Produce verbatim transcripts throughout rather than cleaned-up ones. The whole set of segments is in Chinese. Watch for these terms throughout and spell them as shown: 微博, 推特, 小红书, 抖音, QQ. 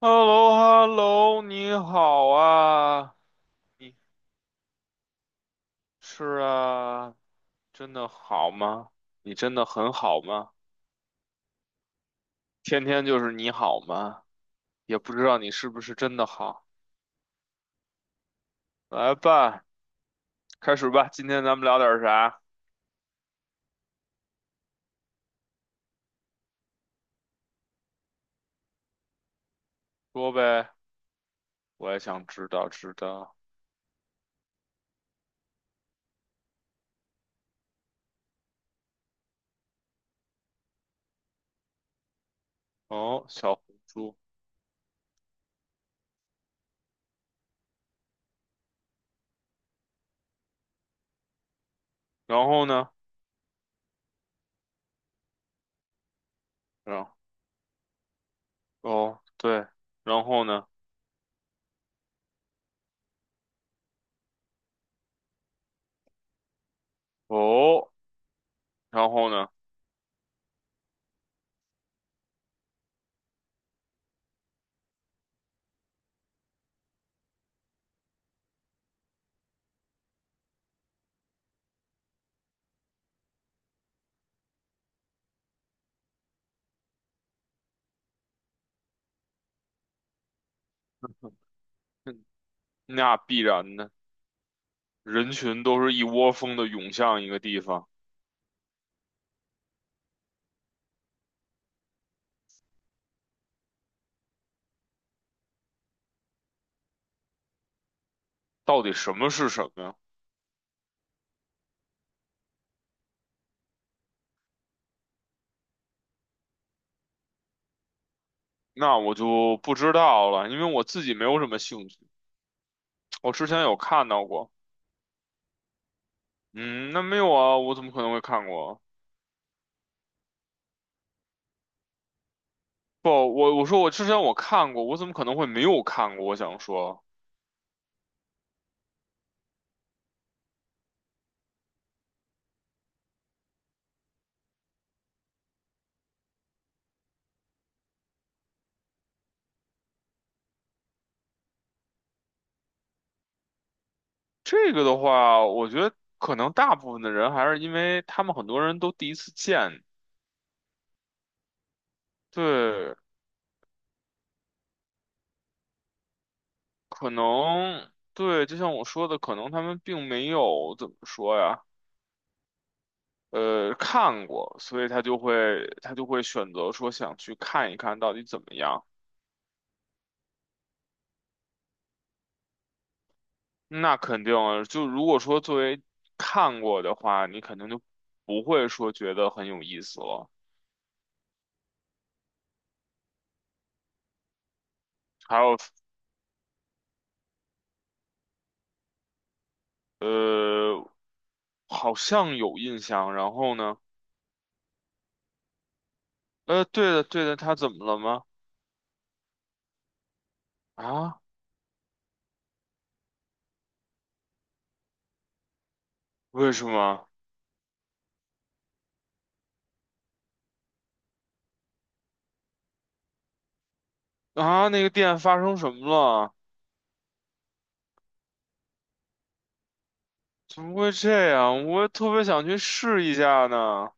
h e l l o h e l l o 你好啊，你是啊，真的好吗？你真的很好吗？天天就是你好吗？也不知道你是不是真的好。来吧，开始吧，今天咱们聊点啥？说呗，我也想知道知道。哦，小红书，然后呢？然哦，对，然后呢？哦，然后呢？那必然的，人群都是一窝蜂的涌向一个地方。到底什么是什么呀？那我就不知道了，因为我自己没有什么兴趣。我之前有看到过，嗯，那没有啊，我怎么可能会看过啊？不，我我说我之前我看过，我怎么可能会没有看过？我想说这个的话，我觉得可能大部分的人还是因为他们很多人都第一次见，对，可能对，就像我说的，可能他们并没有怎么说呀。呃看过，所以他就会他就会选择说想去看一看到底怎么样。那肯定啊，就如果说作为看过的话，你肯定就不会说觉得很有意思了。还有呃，好像有印象，然后呢？呃，对的对的，他怎么了吗？啊？为什么？啊？那个店发生什么了？怎么会这样？我也特别想去试一下呢。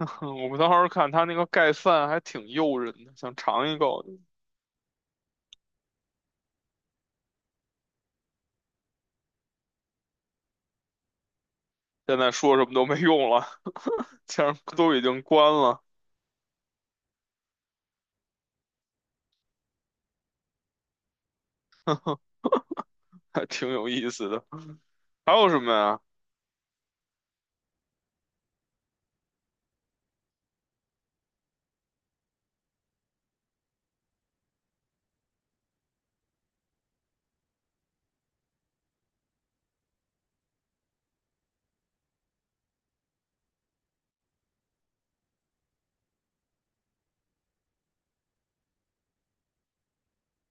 嗯，我当时看他那个盖饭还挺诱人的，想尝一口。现在说什么都没用了，既然都已经关了，还挺有意思的。还有什么呀？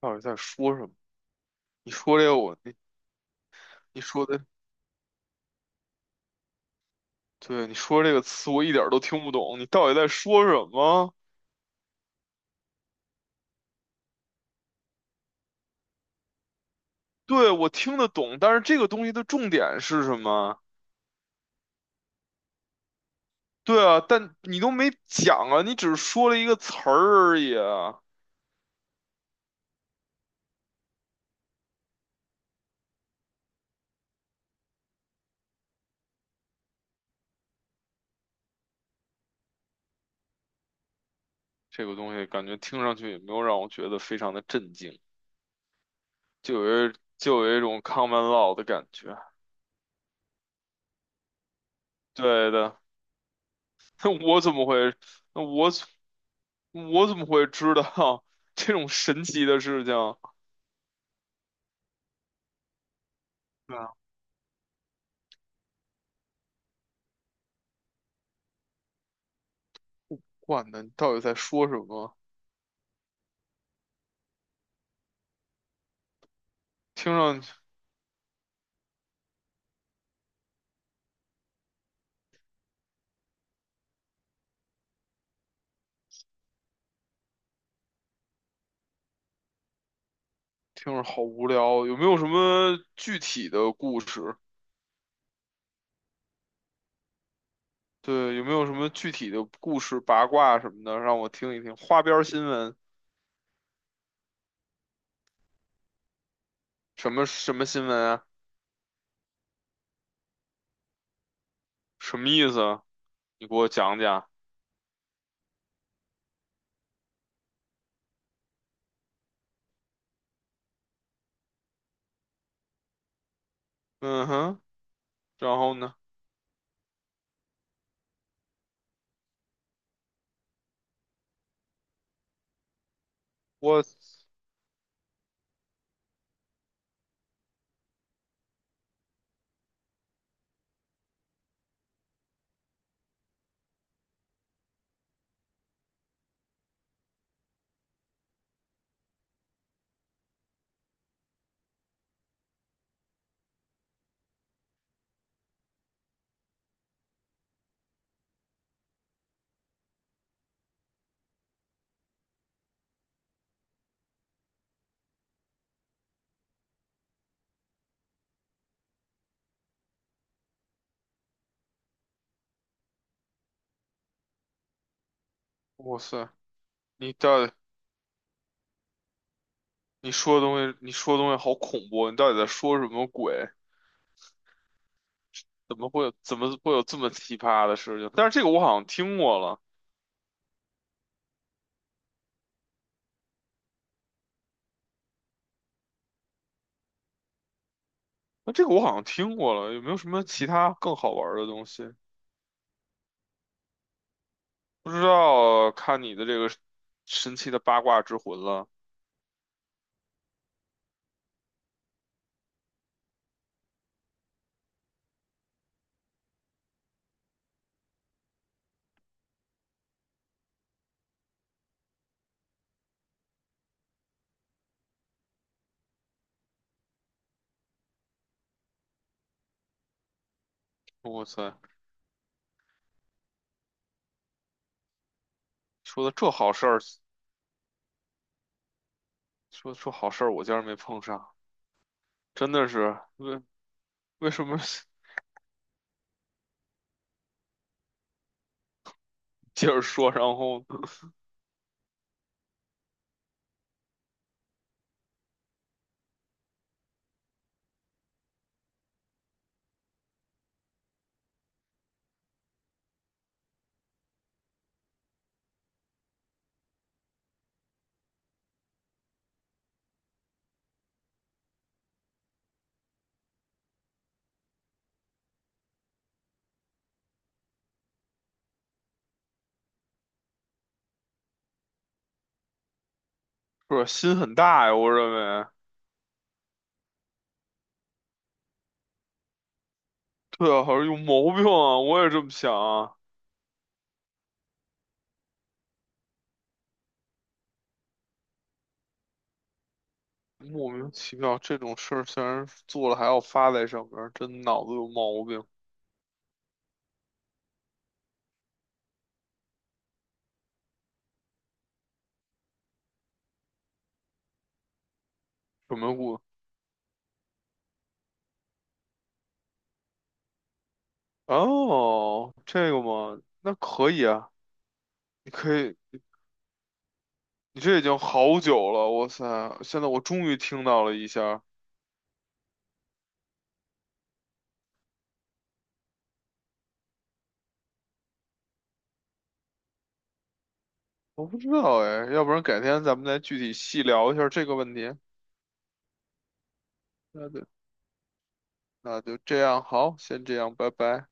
到底在说什么？你说这个我，你你说的，对，你说这个词我一点儿都听不懂，你到底在说什么？对，我听得懂，但是这个东西的重点是什么？对啊，但你都没讲啊，你只是说了一个词儿而已啊。这个东西感觉听上去也没有让我觉得非常的震惊。就有一就有一种 common law 的感觉。对的，那我怎么会？那我怎我怎么会知道 这种神奇的事情？对啊管呢，你到底在说什么？听上去听着好无聊，有没有什么具体的故事？对，有没有什么具体的故事、八卦什么的，让我听一听？花边儿新闻，什么什么新闻啊？什么意思啊？你给我讲讲。嗯哼，然后呢？我哇塞，你到底？你说的东西，你说的东西好恐怖，你到底在说什么鬼？怎么会有怎么会有这么奇葩的事情？但是这个我好像听过了，那这个我好像听过了，有没有什么其他更好玩儿的东西？不知道，看你的这个神奇的八卦之魂了。哇塞，说的这好事儿，说说好事儿，我竟然没碰上，真的是为为什么 接着说？然后不是心很大呀，我认为，对啊，好像有毛病啊，我也这么想啊。莫名其妙这种事儿，竟然做了还要发在上面儿，真脑子有毛病。什么故？哦，这个嘛，那可以啊，你可以，你这已经好久了，哇塞！现在我终于听到了一下儿我不知道哎，要不然改天咱们再具体细聊一下儿这个问题。那就那就这样，好，先这样，拜拜。